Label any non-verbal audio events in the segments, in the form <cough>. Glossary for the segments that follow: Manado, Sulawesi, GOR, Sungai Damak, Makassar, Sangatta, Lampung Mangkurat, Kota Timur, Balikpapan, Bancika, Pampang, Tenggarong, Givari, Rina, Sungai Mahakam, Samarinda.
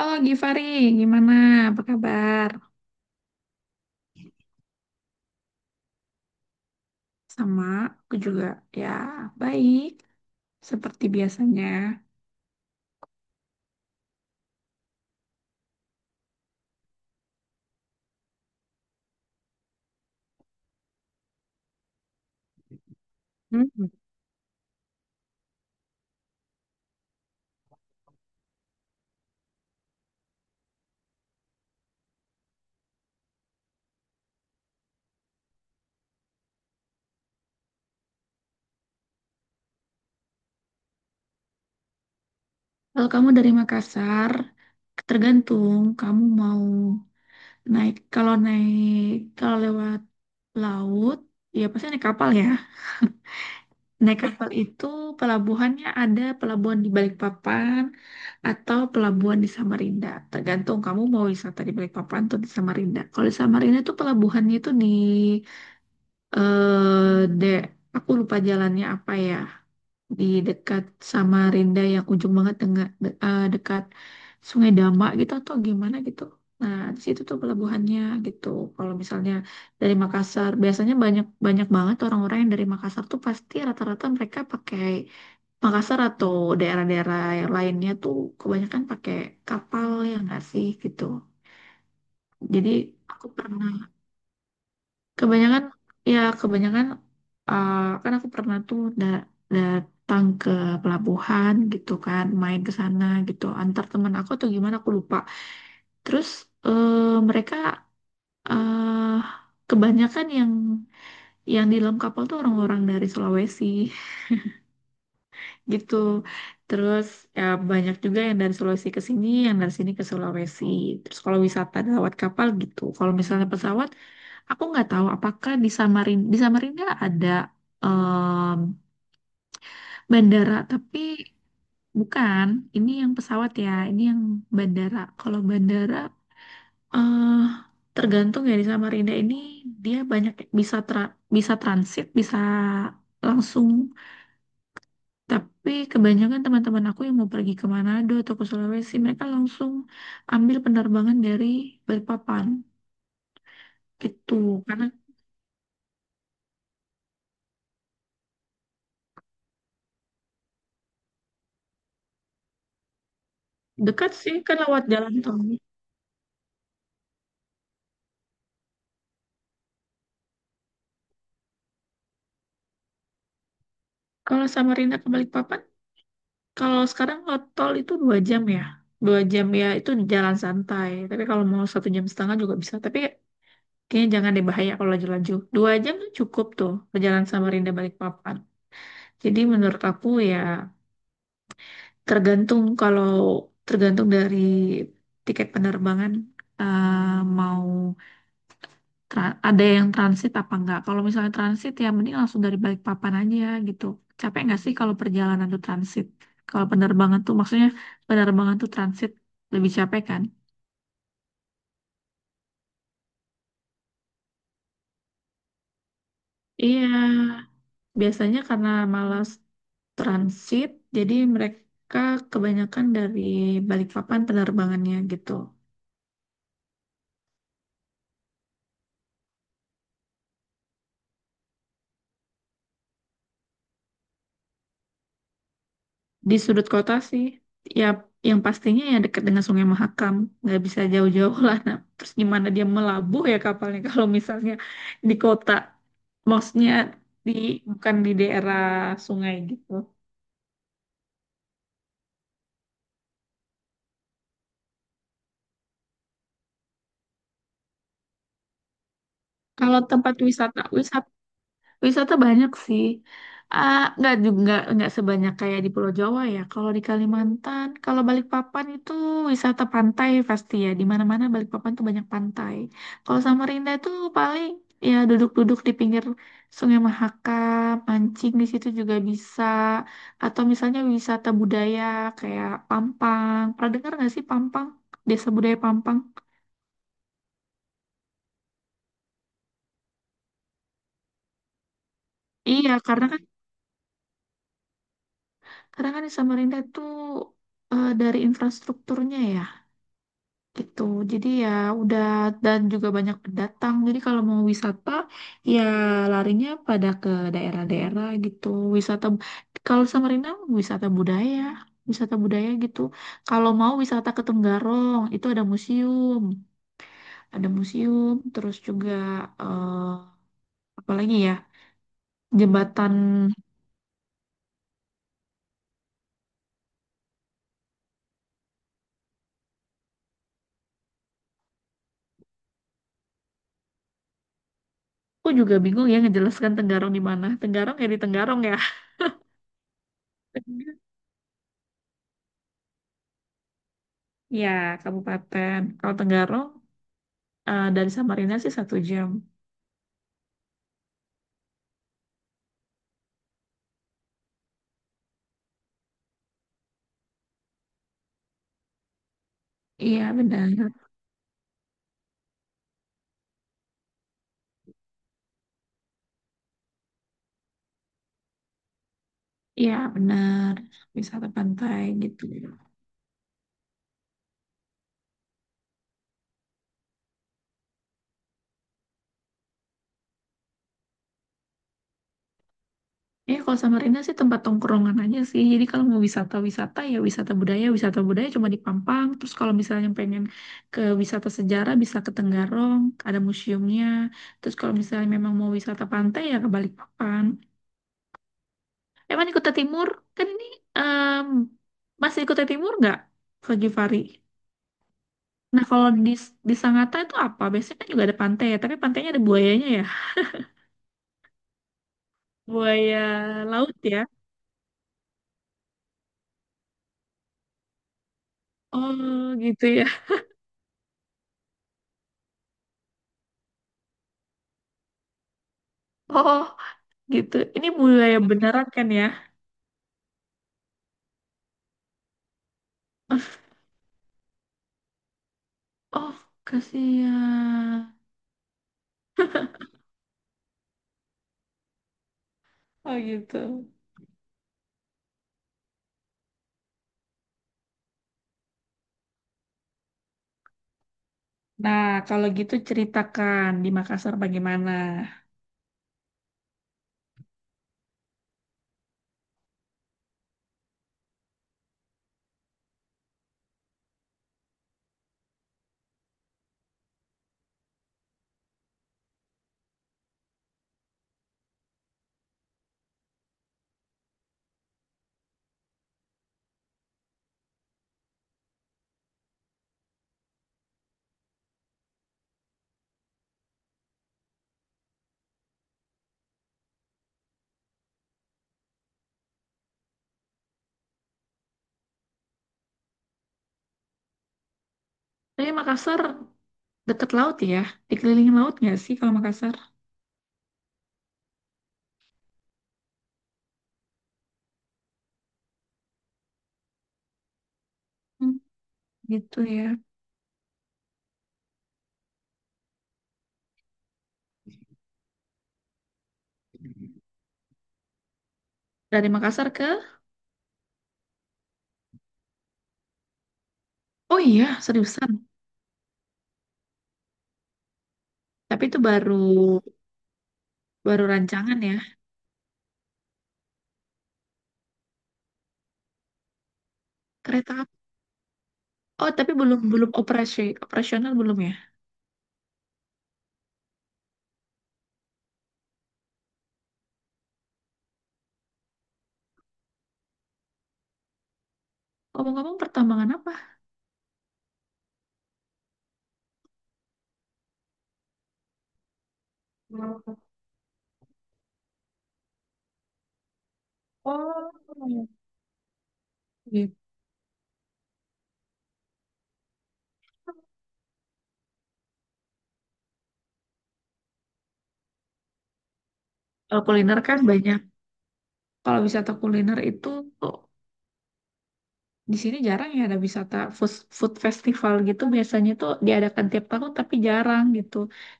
Oh, Givari, gimana? Apa kabar? Sama, aku juga, ya, baik, seperti biasanya. Kalau kamu dari Makassar, tergantung kamu mau naik. Kalau lewat laut, ya pasti naik kapal, ya. Naik kapal itu pelabuhannya, ada pelabuhan di Balikpapan atau pelabuhan di Samarinda. Tergantung kamu mau wisata di Balikpapan atau di Samarinda. Kalau di Samarinda itu pelabuhannya itu di eh de, aku lupa jalannya apa, ya, di dekat Samarinda yang ujung banget dengan dekat Sungai Damak gitu atau gimana gitu. Nah, di situ tuh pelabuhannya gitu. Kalau misalnya dari Makassar, biasanya banyak banyak banget orang-orang yang dari Makassar tuh pasti rata-rata mereka pakai Makassar atau daerah-daerah yang lainnya tuh kebanyakan pakai kapal, ya nggak sih gitu. Jadi aku pernah. Kebanyakan, ya kebanyakan, eh, kan aku pernah tuh datang ke pelabuhan gitu, kan main ke sana gitu antar teman aku atau gimana aku lupa. Terus mereka eh kebanyakan yang di dalam kapal tuh orang-orang dari Sulawesi <laughs> gitu. Terus ya banyak juga yang dari Sulawesi ke sini, yang dari sini ke Sulawesi. Terus kalau wisata lewat kapal gitu. Kalau misalnya pesawat, aku nggak tahu apakah di Samarinda ada em, bandara, tapi bukan. Ini yang pesawat ya, ini yang bandara. Kalau bandara, eh tergantung ya, di Samarinda ini dia banyak, bisa bisa transit, bisa langsung. Tapi kebanyakan teman-teman aku yang mau pergi ke Manado atau ke Sulawesi, mereka langsung ambil penerbangan dari Balikpapan. Gitu, karena dekat sih kan lewat jalan tol. Kalau Samarinda ke Balikpapan, kalau sekarang kalau tol itu dua jam ya itu jalan santai. Tapi kalau mau satu jam setengah juga bisa. Tapi kayaknya jangan deh, bahaya kalau laju-laju. Dua jam tuh cukup tuh perjalanan Samarinda Balikpapan. Jadi menurut aku ya, tergantung kalau dari tiket penerbangan, mau ada yang transit apa enggak. Kalau misalnya transit ya mending langsung dari Balikpapan aja gitu. Capek nggak sih kalau perjalanan tuh transit? Kalau penerbangan tuh maksudnya penerbangan tuh transit lebih capek kan? Iya, biasanya karena malas transit, jadi mereka kebanyakan dari Balikpapan penerbangannya gitu. Di sudut kota sih, ya yang pastinya ya dekat dengan Sungai Mahakam, nggak bisa jauh-jauh lah. Nah terus gimana dia melabuh ya kapalnya <laughs> kalau misalnya di kota, maksudnya di, bukan di daerah sungai gitu. Kalau tempat wisata, wisata banyak sih. Ah, nggak juga, nggak sebanyak kayak di Pulau Jawa ya. Kalau di Kalimantan, kalau Balikpapan itu wisata pantai pasti ya. Di mana-mana Balikpapan tuh banyak pantai. Kalau Samarinda itu paling ya duduk-duduk di pinggir Sungai Mahakam, mancing di situ juga bisa. Atau misalnya wisata budaya kayak Pampang. Pernah dengar nggak sih Pampang? Desa budaya Pampang? Iya, karena kan di Samarinda tuh, dari infrastrukturnya ya gitu. Jadi ya udah, dan juga banyak pendatang. Jadi kalau mau wisata ya larinya pada ke daerah-daerah gitu. Wisata kalau Samarinda, wisata budaya, gitu. Kalau mau wisata ke Tenggarong itu ada museum, terus juga eh, apa lagi ya? Jembatan. Aku juga bingung ya ngejelaskan Tenggarong di mana. Tenggarong ya di Tenggarong ya. <laughs> Ya, kabupaten. Kalau Tenggarong dari Samarinda sih satu jam. Iya benar, iya benar. Wisata pantai gitu. Eh kalau sama Rina sih tempat tongkrongan aja sih. Jadi kalau mau wisata-wisata ya wisata budaya, cuma di Pampang. Terus kalau misalnya pengen ke wisata sejarah bisa ke Tenggarong, ada museumnya. Terus kalau misalnya memang mau wisata pantai ya ke Balikpapan. Emang di Kota Timur kan ini em, masih di Kota Timur nggak, Kak Givari? Nah kalau di Sangatta itu apa? Biasanya kan juga ada pantai ya, tapi pantainya ada buayanya ya? Buaya laut ya? Oh, gitu ya. Oh, gitu. Ini buaya beneran kan ya? <laughs> Oh, kasihan. Oh, gitu. Nah, kalau gitu ceritakan di Makassar bagaimana? Tapi Makassar dekat laut ya? Dikelilingi laut nggak sih kalau Makassar? Hmm, gitu ya. Dari Makassar ke... Oh iya, seriusan. Tapi itu baru, rancangan ya. Kereta apa? Oh, tapi belum, operasional belum ya? Ngomong-ngomong pertambangan apa? Oh, gitu. Kalau kuliner kan banyak. Kalau wisata kuliner itu tuh, di sini jarang ya ada wisata food, food festival gitu. Biasanya tuh diadakan tiap tahun tapi jarang gitu.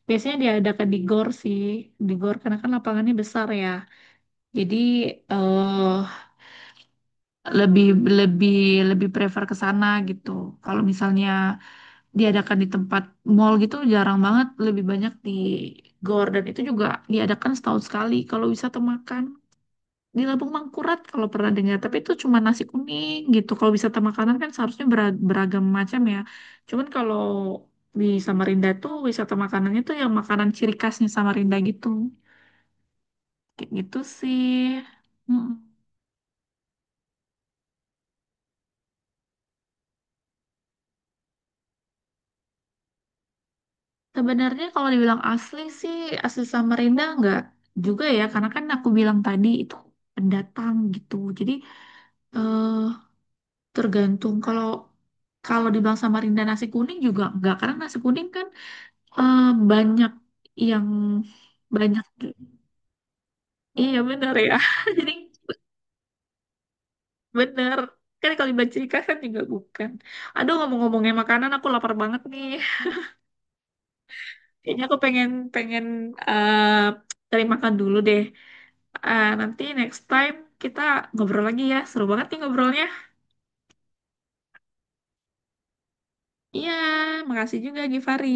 Biasanya diadakan di GOR sih. Di GOR karena kan lapangannya besar ya. Jadi eh lebih lebih lebih prefer ke sana gitu. Kalau misalnya diadakan di tempat mall gitu jarang banget, lebih banyak di GOR, dan itu juga diadakan setahun sekali kalau wisata makan. Di Lampung Mangkurat kalau pernah dengar tapi itu cuma nasi kuning gitu. Kalau wisata makanan kan seharusnya beragam macam ya, cuman kalau di Samarinda tuh wisata makanannya tuh yang makanan ciri khasnya Samarinda gitu, kayak gitu sih. mm Sebenarnya kalau dibilang asli sih, asli Samarinda enggak juga ya, karena kan aku bilang tadi itu pendatang gitu, jadi eh, tergantung. Kalau kalau dibilang Samarinda nasi kuning juga enggak, karena nasi kuning kan eh, banyak yang banyak ju- iya bener ya. <laughs> Jadi bener, kan kalau di Bancika kan juga bukan, aduh ngomong-ngomongnya makanan aku lapar banget nih. <laughs> Kayaknya aku pengen, pengen eh cari makan dulu deh. Eh, nanti next time kita ngobrol lagi ya, seru banget nih ngobrolnya. Iya makasih juga Givari.